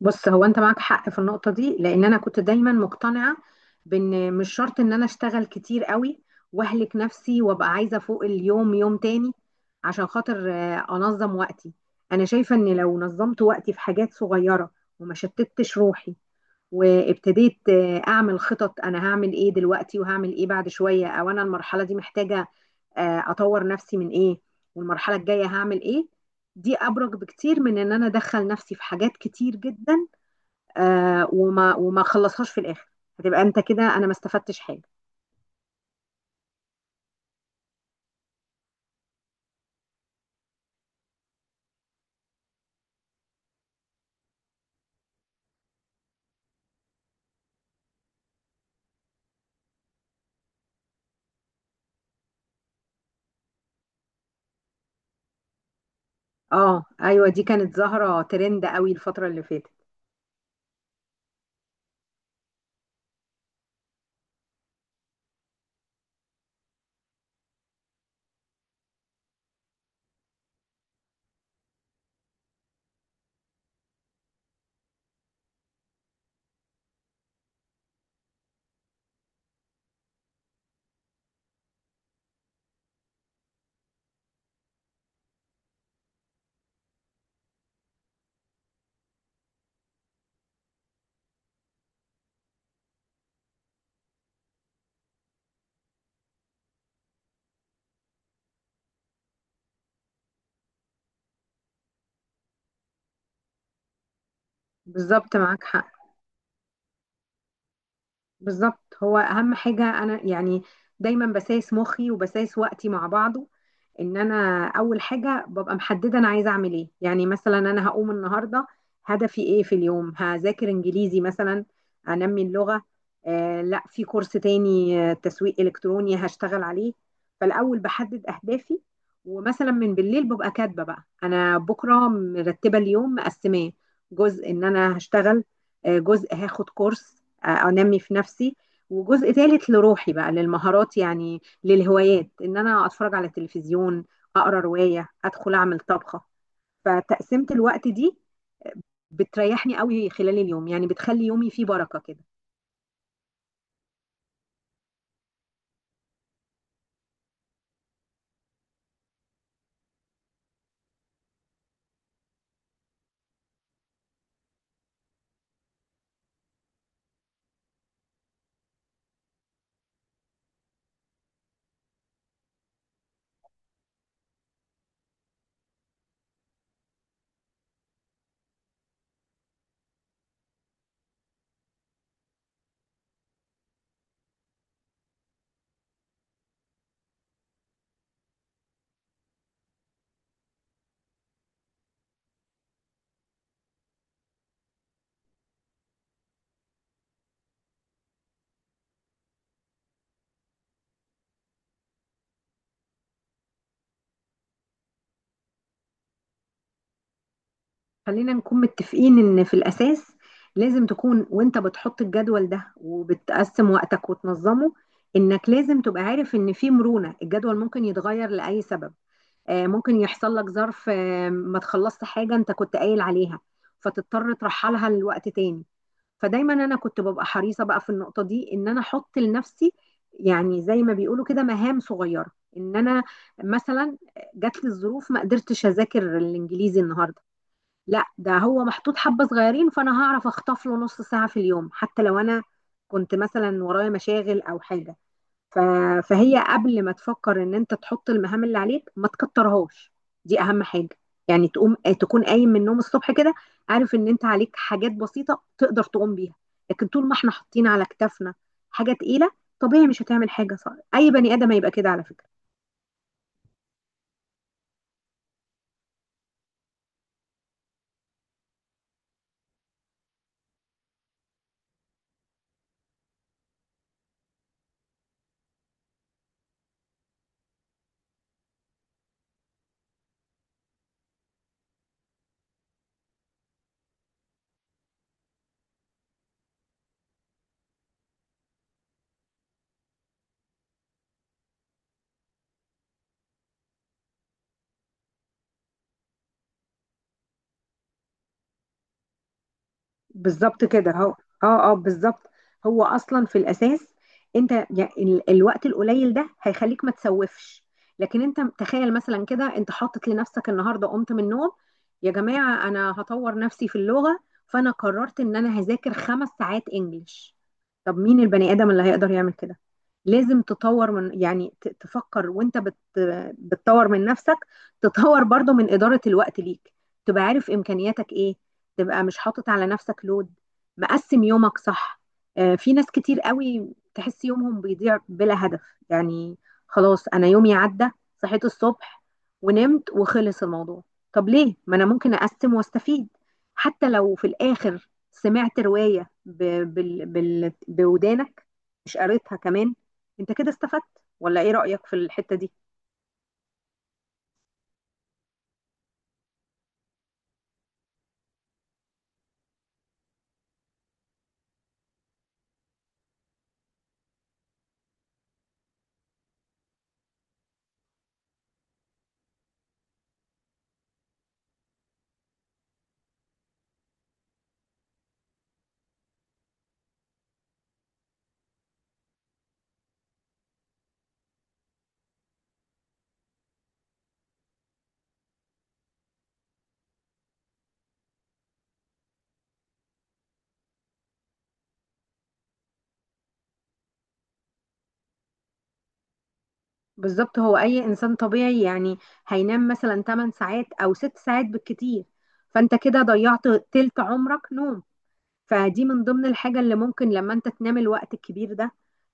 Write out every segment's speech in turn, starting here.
بص، هو انت معاك حق في النقطة دي لان انا كنت دايما مقتنعة بان مش شرط ان انا اشتغل كتير قوي واهلك نفسي وابقى عايزة فوق اليوم يوم تاني عشان خاطر انظم وقتي. انا شايفة ان لو نظمت وقتي في حاجات صغيرة وما شتتش روحي وابتديت اعمل خطط، انا هعمل ايه دلوقتي وهعمل ايه بعد شوية، او انا المرحلة دي محتاجة اطور نفسي من ايه والمرحلة الجاية هعمل ايه. دي ابرك بكتير من ان انا ادخل نفسي في حاجات كتير جدا وما خلصهاش في الاخر. هتبقى انت كده انا ما استفدتش حاجه. اه ايوه، دي كانت ظاهره ترند قوي الفتره اللي فاتت. بالظبط، معاك حق. بالظبط، هو اهم حاجه انا يعني دايما بسايس مخي وبسايس وقتي مع بعضه، ان انا اول حاجه ببقى محدده انا عايزه اعمل ايه. يعني مثلا انا هقوم النهارده هدفي ايه في اليوم، هذاكر انجليزي مثلا، انمي اللغه، لا، في كورس تاني تسويق الكتروني هشتغل عليه. فالاول بحدد اهدافي، ومثلا من بالليل ببقى كاتبه بقى انا بكره مرتبه اليوم مقسماه، جزء ان انا هشتغل، جزء هاخد كورس، انمي في نفسي، وجزء ثالث لروحي بقى للمهارات يعني للهوايات، ان انا اتفرج على تلفزيون، اقرا روايه، ادخل اعمل طبخه. فتقسيمه الوقت دي بتريحني قوي خلال اليوم، يعني بتخلي يومي فيه بركه كده. خلينا نكون متفقين ان في الاساس لازم تكون وانت بتحط الجدول ده وبتقسم وقتك وتنظمه انك لازم تبقى عارف ان في مرونه، الجدول ممكن يتغير لاي سبب. ممكن يحصل لك ظرف، ما تخلصت حاجة انت كنت قايل عليها، فتضطر ترحلها لوقت تاني. فدايما انا كنت ببقى حريصة بقى في النقطة دي ان انا احط لنفسي، يعني زي ما بيقولوا كده، مهام صغيرة. ان انا مثلا جات لي الظروف ما قدرتش اذاكر الانجليزي النهارده، لا ده هو محطوط حبة صغيرين فانا هعرف اخطف له نص ساعة في اليوم، حتى لو انا كنت مثلا ورايا مشاغل او حاجة. ف... فهي قبل ما تفكر ان انت تحط المهام اللي عليك ما تكترهاش. دي اهم حاجه. يعني تقوم تكون قايم من النوم الصبح كده عارف ان انت عليك حاجات بسيطه تقدر تقوم بيها، لكن طول ما احنا حاطين على كتافنا حاجه تقيله طبيعي مش هتعمل حاجه صح. اي بني ادم هيبقى كده على فكره. بالظبط كده هو. اه اه، بالظبط. هو اصلا في الاساس انت يعني الوقت القليل ده هيخليك ما تسوفش. لكن انت تخيل مثلا كده، انت حاطط لنفسك النهارده قمت من النوم يا جماعه انا هطور نفسي في اللغه، فانا قررت ان انا هذاكر 5 ساعات انجليش، طب مين البني ادم اللي هيقدر يعمل كده؟ لازم تطور من، يعني تفكر، وانت بتطور من نفسك، تطور برضو من اداره الوقت ليك، تبقى عارف امكانياتك ايه، تبقى مش حاطط على نفسك لود، مقسم يومك صح. في ناس كتير قوي تحس يومهم بيضيع بلا هدف، يعني خلاص انا يومي عدى، صحيت الصبح ونمت وخلص الموضوع. طب ليه؟ ما انا ممكن اقسم واستفيد، حتى لو في الاخر سمعت رواية بودانك مش قريتها كمان، انت كده استفدت. ولا ايه رأيك في الحتة دي؟ بالظبط، هو اي انسان طبيعي يعني هينام مثلا 8 ساعات او 6 ساعات بالكتير، فانت كده ضيعت تلت عمرك نوم. فدي من ضمن الحاجة اللي ممكن لما انت تنام الوقت الكبير ده،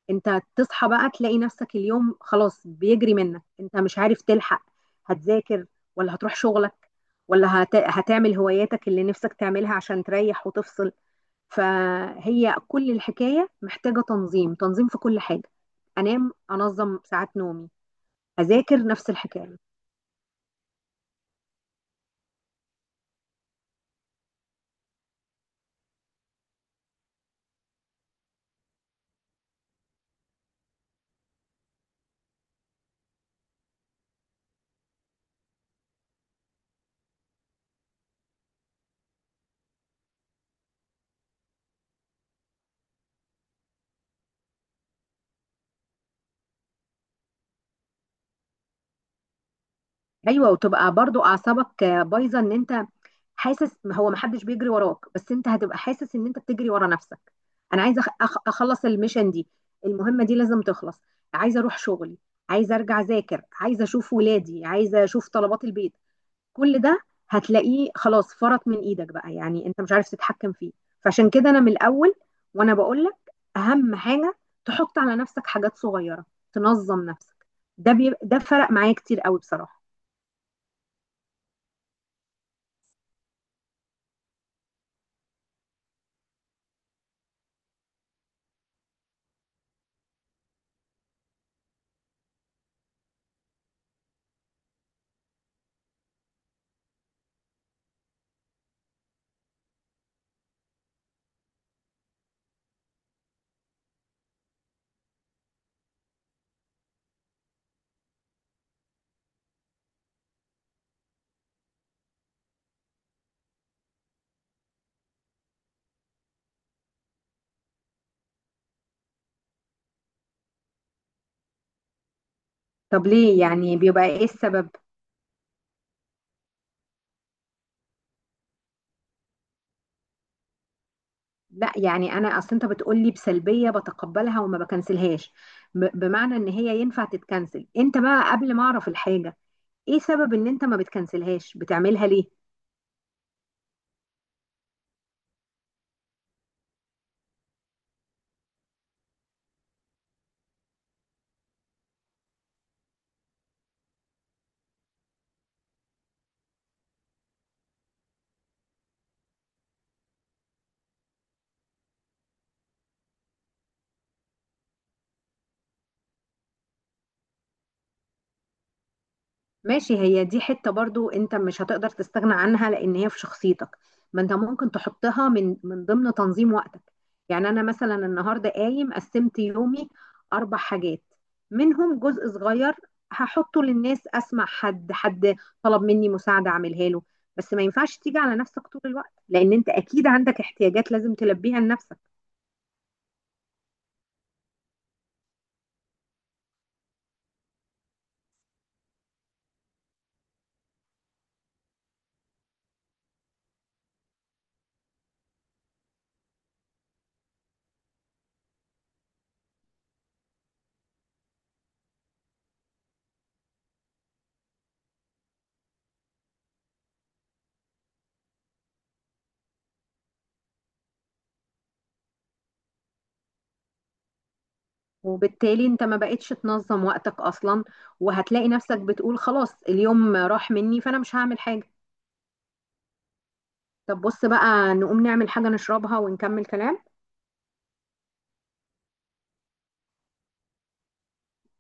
انت تصحى بقى تلاقي نفسك اليوم خلاص بيجري منك، انت مش عارف تلحق، هتذاكر ولا هتروح شغلك ولا هتعمل هواياتك اللي نفسك تعملها عشان تريح وتفصل. فهي كل الحكاية محتاجة تنظيم، تنظيم في كل حاجة. انام انظم ساعات نومي، اذاكر نفس الحكايه. ايوه، وتبقى برضو اعصابك بايظه ان انت حاسس، ما هو ما حدش بيجري وراك، بس انت هتبقى حاسس ان انت بتجري ورا نفسك. انا عايزه اخلص الميشن دي، المهمه دي لازم تخلص، عايزه اروح شغلي، عايزه ارجع اذاكر، عايزه اشوف ولادي، عايزه اشوف طلبات البيت، كل ده هتلاقيه خلاص فرط من ايدك بقى يعني انت مش عارف تتحكم فيه. فعشان كده انا من الاول وانا بقول لك، اهم حاجه تحط على نفسك حاجات صغيره، تنظم نفسك. ده فرق معايا كتير قوي بصراحه. طب ليه، يعني بيبقى ايه السبب؟ لا، يعني انا اصل انت بتقول لي بسلبيه بتقبلها وما بكنسلهاش، بمعنى ان هي ينفع تتكنسل، انت بقى قبل ما اعرف الحاجه، ايه سبب ان انت ما بتكنسلهاش بتعملها ليه؟ ماشي، هي دي حتة برضو انت مش هتقدر تستغنى عنها لان هي في شخصيتك، ما انت ممكن تحطها من ضمن تنظيم وقتك. يعني انا مثلا النهاردة قايم قسمت يومي 4 حاجات، منهم جزء صغير هحطه للناس، اسمع حد طلب مني مساعدة اعملها له، بس ما ينفعش تيجي على نفسك طول الوقت لان انت اكيد عندك احتياجات لازم تلبيها لنفسك. وبالتالي انت ما بقتش تنظم وقتك اصلا، وهتلاقي نفسك بتقول خلاص اليوم راح مني فانا مش هعمل حاجة. طب بص بقى، نقوم نعمل حاجة نشربها ونكمل كلام.